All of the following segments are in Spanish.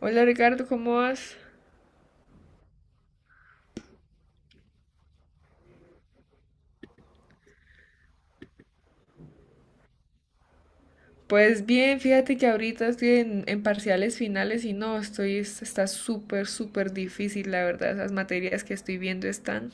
Hola Ricardo, ¿cómo vas? Pues bien, fíjate que ahorita estoy en parciales finales y no, estoy, está súper, súper difícil, la verdad, esas materias que estoy viendo están.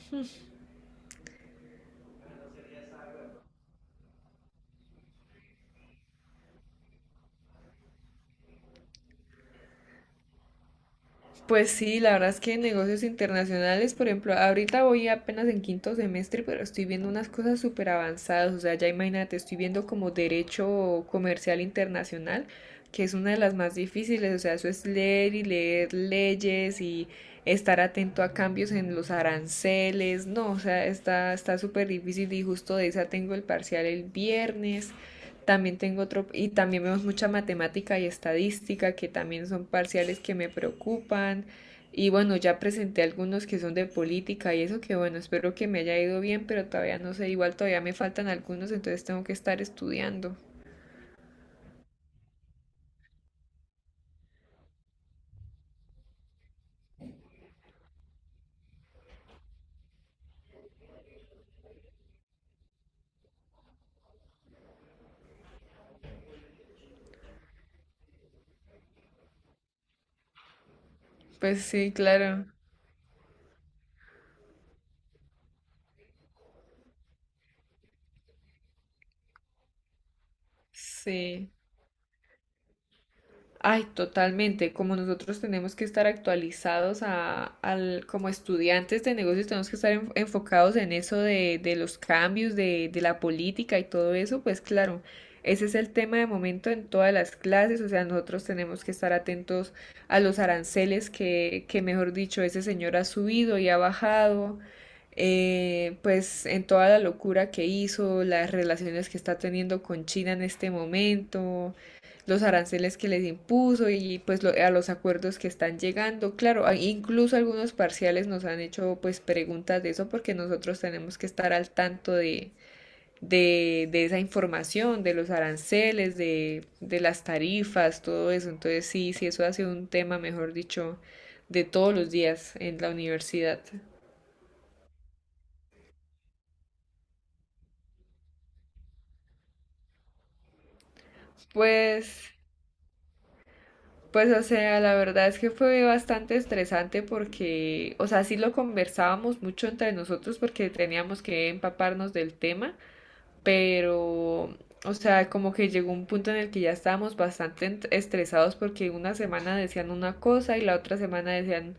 Pues sí, la verdad es que negocios internacionales, por ejemplo, ahorita voy apenas en quinto semestre, pero estoy viendo unas cosas súper avanzadas, o sea, ya imagínate, estoy viendo como derecho comercial internacional, que es una de las más difíciles, o sea, eso es leer y leer leyes y estar atento a cambios en los aranceles, no, o sea, está súper difícil y justo de esa tengo el parcial el viernes. También tengo otro, y también vemos mucha matemática y estadística, que también son parciales que me preocupan. Y bueno, ya presenté algunos que son de política y eso que bueno, espero que me haya ido bien, pero todavía no sé, igual todavía me faltan algunos, entonces tengo que estar estudiando. Pues sí, claro. Sí. Ay, totalmente. Como nosotros tenemos que estar actualizados al como estudiantes de negocios, tenemos que estar enfocados en eso de los cambios, de la política y todo eso, pues claro, ese es el tema de momento en todas las clases. O sea, nosotros tenemos que estar atentos a los aranceles que mejor dicho, ese señor ha subido y ha bajado. Pues en toda la locura que hizo, las relaciones que está teniendo con China en este momento, los aranceles que les impuso y pues a los acuerdos que están llegando. Claro, incluso algunos parciales nos han hecho pues preguntas de eso porque nosotros tenemos que estar al tanto de esa información, de los aranceles, de las tarifas, todo eso. Entonces sí, sí, eso ha sido un tema, mejor dicho, de todos los días en la universidad. Pues. Pues, o sea, la verdad es que fue bastante estresante porque, o sea, sí lo conversábamos mucho entre nosotros porque teníamos que empaparnos del tema, pero, o sea, como que llegó un punto en el que ya estábamos bastante estresados porque una semana decían una cosa y la otra semana decían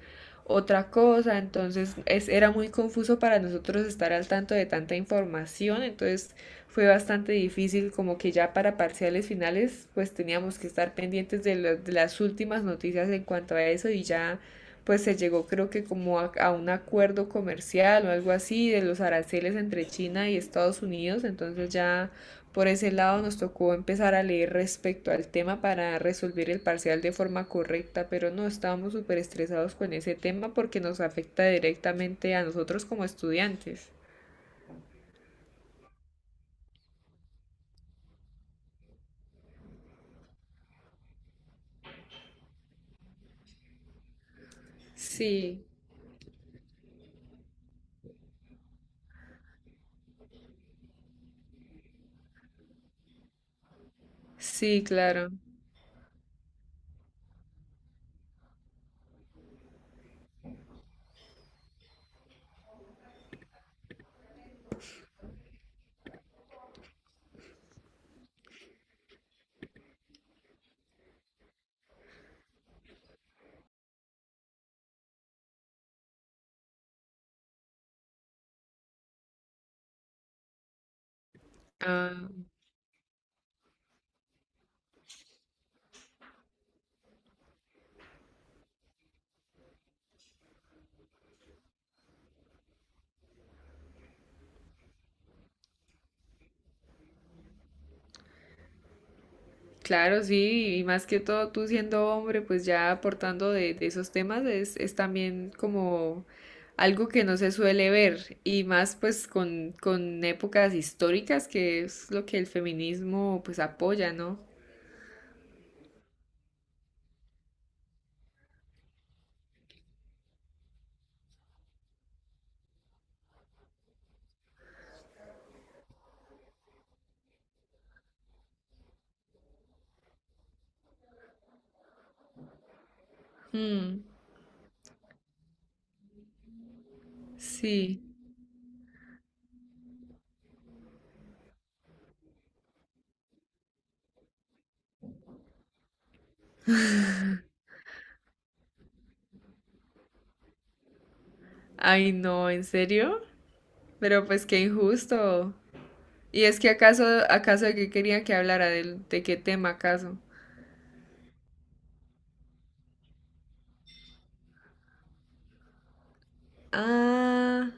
otra cosa, entonces es, era muy confuso para nosotros estar al tanto de tanta información, entonces fue bastante difícil, como que ya para parciales finales, pues teníamos que estar pendientes de, de las últimas noticias en cuanto a eso y ya pues se llegó creo que como a un acuerdo comercial o algo así de los aranceles entre China y Estados Unidos, entonces ya por ese lado nos tocó empezar a leer respecto al tema para resolver el parcial de forma correcta, pero no estábamos súper estresados con ese tema porque nos afecta directamente a nosotros como estudiantes. Sí, sí, claro. Ah. Claro, sí, y más que todo tú siendo hombre, pues ya aportando de esos temas es también como algo que no se suele ver, y más pues con épocas históricas, que es lo que el feminismo pues apoya, ¿no? Mm, sí. Ay, no, ¿en serio? Pero pues qué injusto. ¿Y es que acaso, acaso de qué querían que hablara? De qué tema acaso? Ah,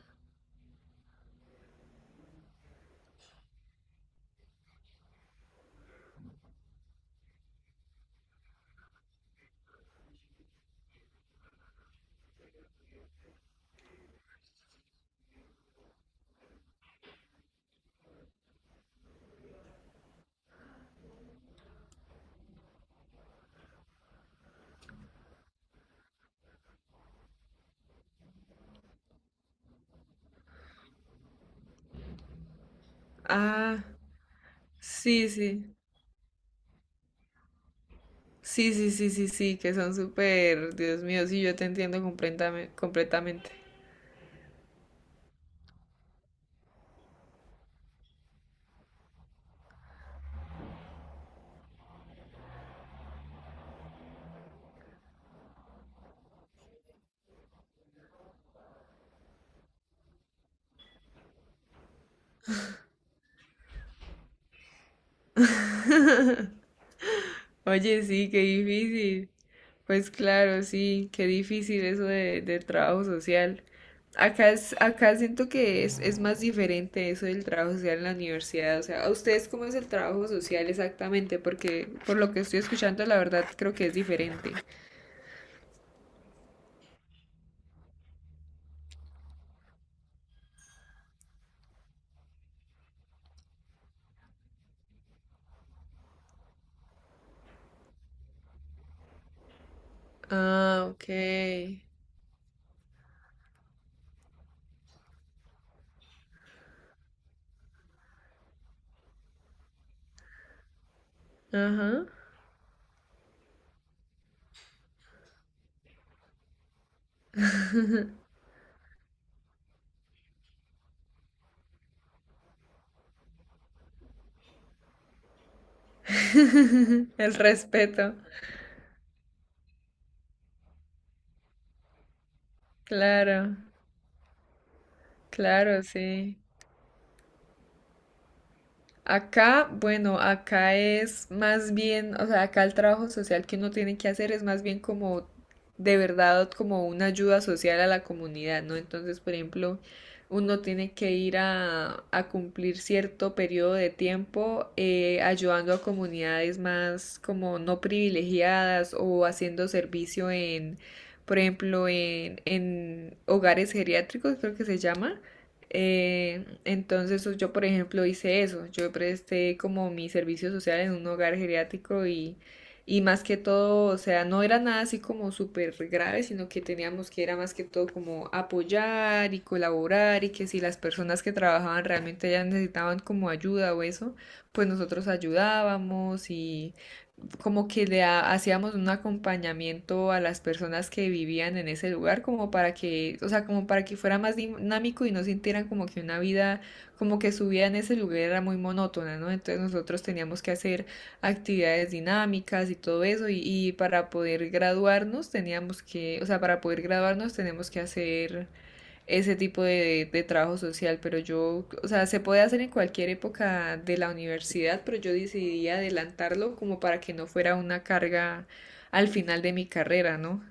ah, sí, sí. Sí, sí, sí, sí, sí, que son súper, Dios mío, sí, yo te entiendo completamente. Oye, sí, qué difícil. Pues claro, sí, qué difícil eso de, del trabajo social. Acá es, acá siento que es más diferente eso del trabajo social en la universidad. O sea, ¿a ustedes cómo es el trabajo social exactamente? Porque por lo que estoy escuchando, la verdad creo que es diferente. Ah, ok. Ajá. El respeto. Claro, claro, sí. Acá, bueno, acá es más bien, o sea, acá el trabajo social que uno tiene que hacer es más bien como de verdad como una ayuda social a la comunidad, ¿no? Entonces, por ejemplo, uno tiene que ir a cumplir cierto periodo de tiempo ayudando a comunidades más como no privilegiadas o haciendo servicio en, por ejemplo, en hogares geriátricos, creo que se llama. Entonces pues, yo, por ejemplo, hice eso. Yo presté como mi servicio social en un hogar geriátrico y más que todo, o sea, no era nada así como súper grave, sino que teníamos que era más que todo como apoyar y colaborar y que si las personas que trabajaban realmente ya necesitaban como ayuda o eso, pues nosotros ayudábamos y como que hacíamos un acompañamiento a las personas que vivían en ese lugar, como para que, o sea, como para que fuera más dinámico y no sintieran como que una vida, como que su vida en ese lugar era muy monótona, ¿no? Entonces nosotros teníamos que hacer actividades dinámicas y todo eso, y para poder graduarnos teníamos que, o sea, para poder graduarnos tenemos que hacer ese tipo de trabajo social, pero yo, o sea, se puede hacer en cualquier época de la universidad, pero yo decidí adelantarlo como para que no fuera una carga al final de mi carrera, ¿no?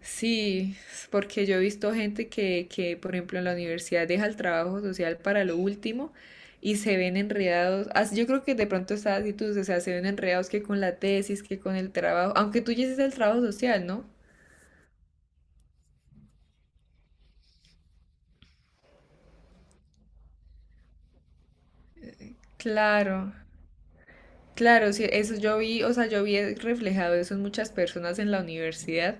Sí, porque yo he visto gente que por ejemplo, en la universidad deja el trabajo social para lo último y se ven enredados. Yo creo que de pronto esa actitud, o sea, se ven enredados que con la tesis, que con el trabajo, aunque tú ya hiciste el trabajo social, ¿no? Claro. Claro, sí, eso yo vi, o sea, yo vi reflejado eso en muchas personas en la universidad,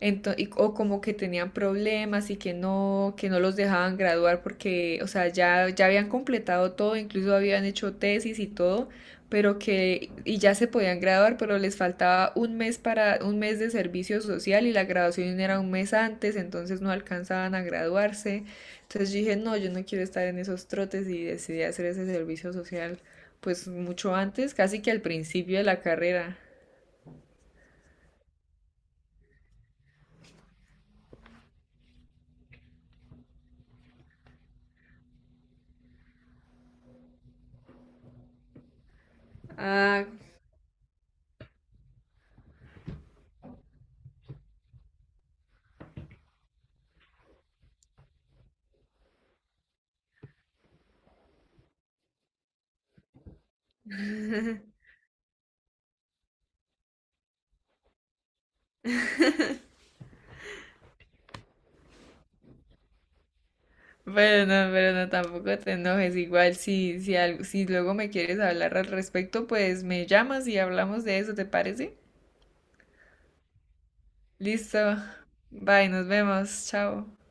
o como que tenían problemas y que no los dejaban graduar porque, o sea, ya habían completado todo, incluso habían hecho tesis y todo, pero que, y ya se podían graduar, pero les faltaba un mes para, un mes de servicio social y la graduación era un mes antes, entonces no alcanzaban a graduarse. Entonces yo dije, no, yo no quiero estar en esos trotes y decidí hacer ese servicio social pues mucho antes, casi que al principio de la carrera. Ah, pero no, tampoco te enojes. Igual si, si luego me quieres hablar al respecto, pues me llamas y hablamos de eso, ¿te parece? Listo. Bye, nos vemos. Chao.